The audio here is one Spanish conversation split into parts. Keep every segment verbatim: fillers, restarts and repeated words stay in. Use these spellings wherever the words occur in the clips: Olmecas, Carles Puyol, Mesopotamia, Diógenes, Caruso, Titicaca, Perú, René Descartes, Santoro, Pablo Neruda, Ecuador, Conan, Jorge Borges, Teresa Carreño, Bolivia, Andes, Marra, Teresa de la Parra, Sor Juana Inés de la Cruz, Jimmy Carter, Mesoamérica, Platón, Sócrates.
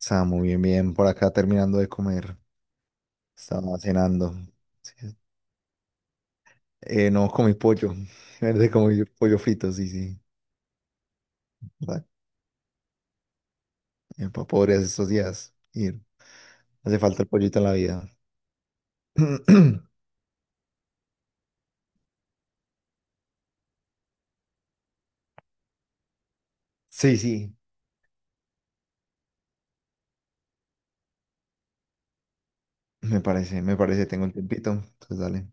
Está muy bien, bien. Por acá terminando de comer. Estaba cenando. Sí. Eh, no comí pollo. Verde comí pollo frito, sí, sí. Pa- eh, pa- Pobres estos días. Ir. Hace falta el pollito en la vida. Sí, sí. Me parece, me parece. Tengo un tiempito. Entonces dale.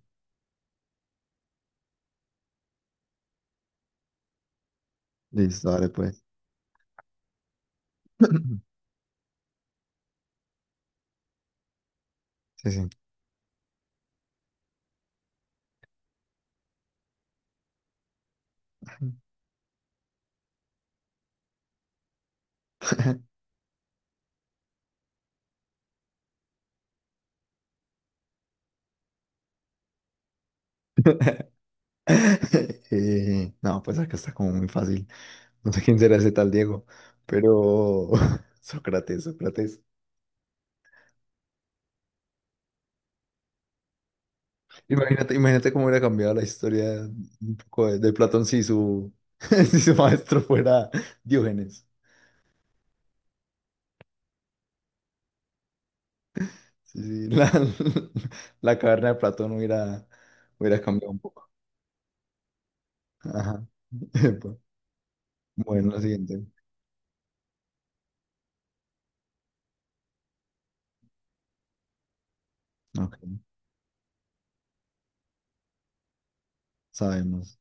Listo, dale pues. Sí, sí. Eh, no, pues acá está como muy fácil. No sé quién será ese tal Diego, pero Sócrates, Sócrates. Imagínate, imagínate cómo hubiera cambiado la historia un poco de, de Platón si su, si su maestro fuera Diógenes. Sí, sí, la, la caverna de Platón hubiera, hubiera cambiado un poco. Ajá. Epa. Bueno, la siguiente. Ok, sabemos.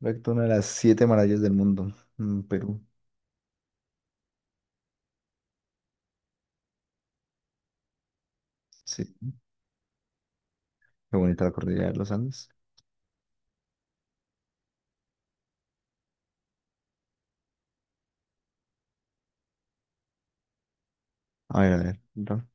Recto una de las siete maravillas del mundo, mm, Perú. Sí, qué bonita la cordillera de los Andes. A ver, a ver. ¿No?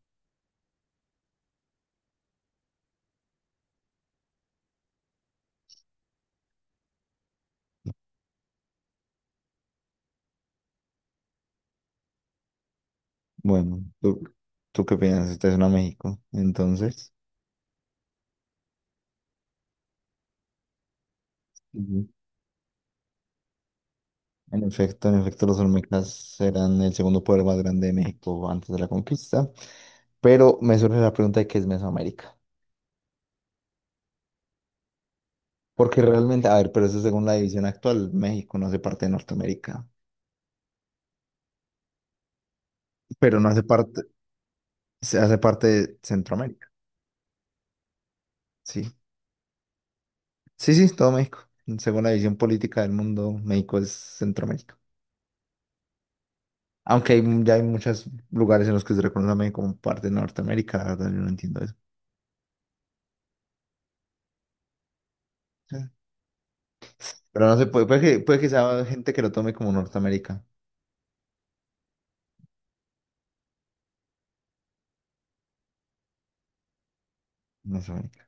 Bueno, ¿tú, tú qué piensas? Este es una México. Entonces. En efecto, en efecto, los Olmecas eran el segundo poder más grande de México antes de la conquista. Pero me surge la pregunta de qué es Mesoamérica. Porque realmente, a ver, pero eso según la división actual, México no hace parte de Norteamérica, pero no hace parte, se hace parte de Centroamérica. Sí, sí, sí, todo México. Según la división política del mundo, México es Centroamérica. Aunque hay, mu- ya hay muchos lugares en los que se reconoce a México como parte de Norteamérica, la verdad, yo no entiendo eso. Sí. Pero no se puede, puede que, puede que sea gente que lo tome como Norteamérica. Mesoamérica.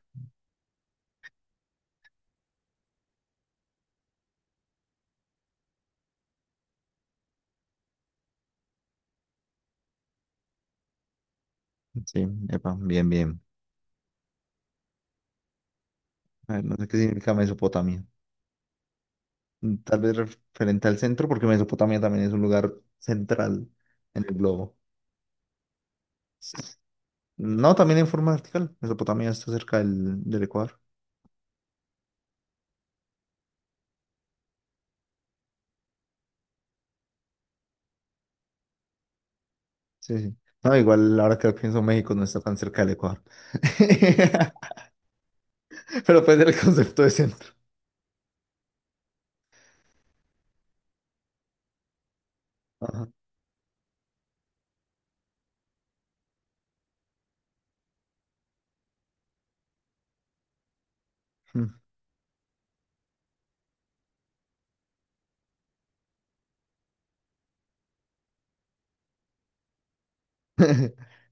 Sí, epa, bien, bien. A ver, no sé qué significa Mesopotamia. Mm, tal vez referente al centro, porque Mesopotamia también es un lugar central en el globo. No, también en forma vertical. Mesopotamia está cerca del, del Ecuador. Sí, sí. No, igual ahora que lo pienso, México no está tan cerca del Ecuador. Pero puede ser el concepto de centro. Ajá.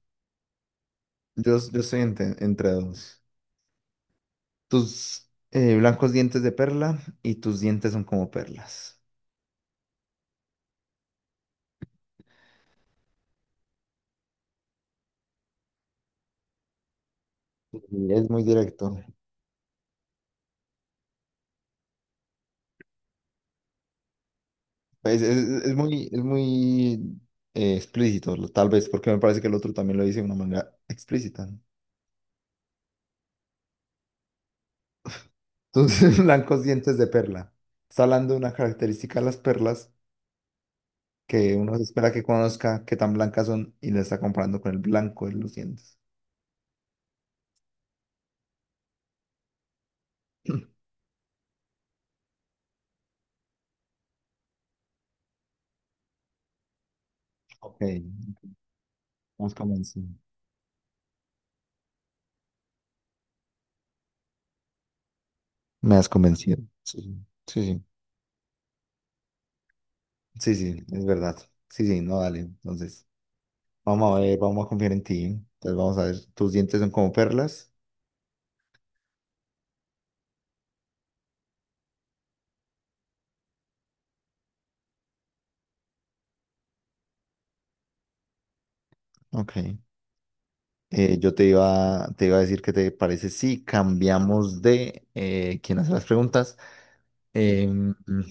Yo, yo estoy entre, entre dos. Tus eh, blancos dientes de perla y tus dientes son como perlas. Y es muy directo. Pues, es, es- es muy, es muy eh, explícito, lo- tal vez, porque me parece que el otro también lo dice de una manera explícita. ¿No? Entonces, blancos dientes de perla. Está hablando de una característica de las perlas que uno se espera que conozca qué tan blancas son y le está comparando con el blanco de los dientes. Ok, me has convencido. Me has convencido. Sí, sí, sí, sí, sí, sí, es verdad. Sí, sí, no, dale. Entonces, vamos a ver, vamos a confiar en ti. Entonces, vamos a ver, tus dientes son como perlas. Ok. Eh, yo te iba, te iba a decir que te parece si cambiamos de eh, quién hace las preguntas. Em, mm,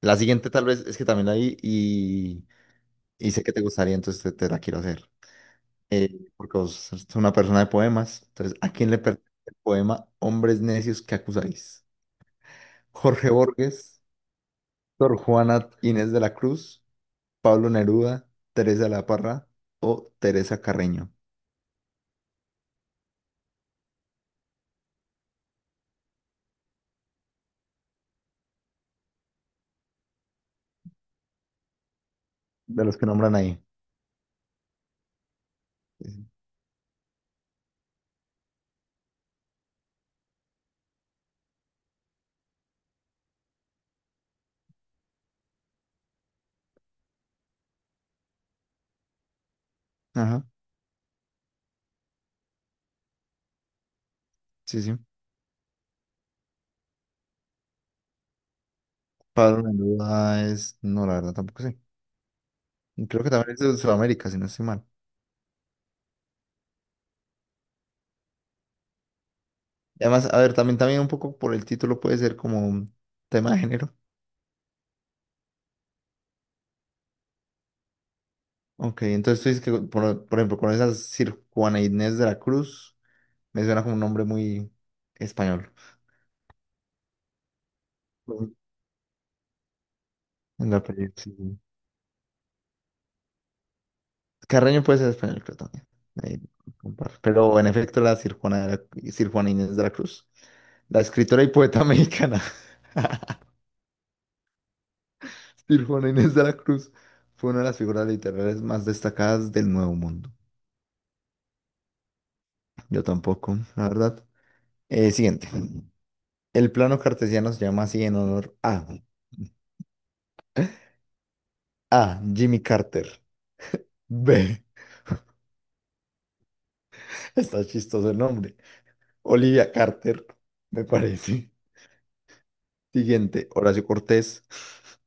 la siguiente tal vez es que también la vi y, y sé que te gustaría, entonces te, te la quiero hacer. Eh, porque vos sos una persona de poemas. Entonces, ¿a quién le pertenece el poema Hombres necios que acusáis? Jorge Borges, Sor Juana Inés de la Cruz, Pablo Neruda, Teresa de la Parra o Teresa Carreño, de los que nombran ahí. Ajá, sí, sí. Pablo Neruda es, no, la verdad tampoco sé. Y creo que también es de Sudamérica, si no estoy mal. Y además, a ver, también, también un poco por el título puede ser como un tema de género. Ok, entonces tú dices que, por, por ejemplo, con esa Sir Juana Inés de la Cruz, me suena como un nombre muy español. Ujú. En la película, sí, sí. Carreño puede ser español, creo también. Ahí comparto. Pero en efecto, la Sir Juana, de la- Sir Juana Inés de la Cruz, la escritora y poeta mexicana. Y Juana Inés de la Cruz fue una de las figuras literarias más destacadas del Nuevo Mundo. Yo tampoco, la verdad. Eh, siguiente. El plano cartesiano se llama así en honor a A. Jimmy Carter. B. Está chistoso el nombre. Olivia Carter, me parece. Siguiente, Horacio Cortés.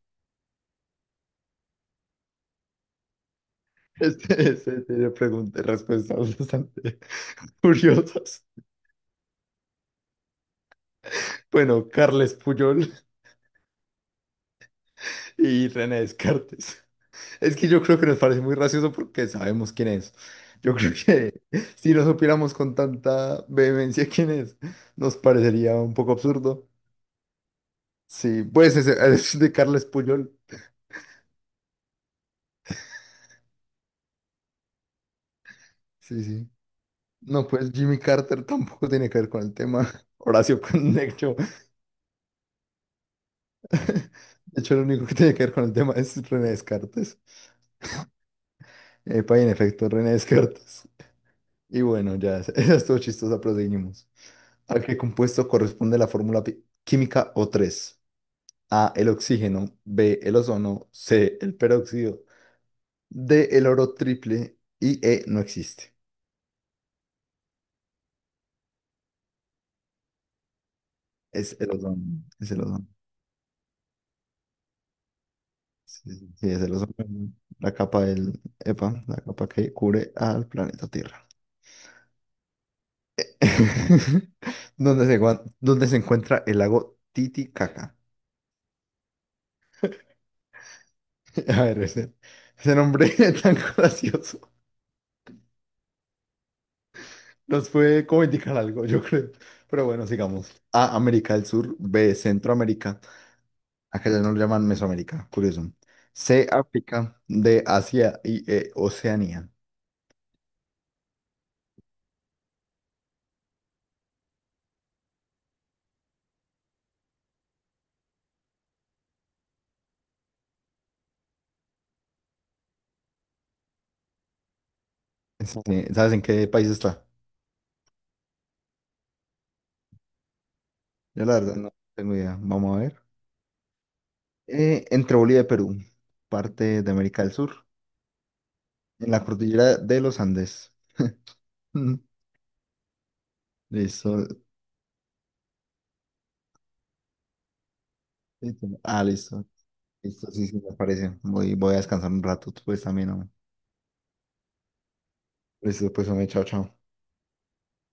Este, este tiene preguntas y respuestas bastante curiosas. Bueno, Carles Puyol y René Descartes. Es que yo creo que nos parece muy gracioso porque sabemos quién es. Yo creo que si no supiéramos con tanta vehemencia quién es, nos parecería un poco absurdo. Sí, pues ese- es, de Carles Puyol. Sí, sí. No, pues Jimmy Carter tampoco tiene que ver con el tema. Horacio Conejo. De hecho, lo único que tiene que ver con el tema es René Descartes. Epa, y en efecto, René Descartes. Y bueno, ya, esa esa estuvo chistosa, pero seguimos. ¿A qué compuesto corresponde la fórmula pi- química O tres? A, el oxígeno, B, el ozono, C, el peróxido, D, el oro triple y E, no existe. Es el ozono, es el ozono. Sí, sí, sí, sí, es el ozono. La capa del, epa, la capa que cubre al planeta Tierra. ¿Dónde se, guan- dónde se encuentra el lago Titicaca? A ver, ese, ese nombre tan gracioso nos puede como indicar algo, yo creo. Pero bueno, sigamos. A, América del Sur, B, Centroamérica. Acá ya no lo llaman Mesoamérica, curioso. C, África, D, Asia y E, Oceanía. Este, ¿sabes en qué país está? Yo la verdad no tengo idea. Vamos a ver. Eh, entre Bolivia y Perú, parte de América del Sur, en la cordillera de los Andes. Mm, listo, listo. Ah, listo. Listo, sí, sí, me parece. Voy, voy a descansar un rato, pues también. Hombre. Listo, pues, hombre, chao, chao.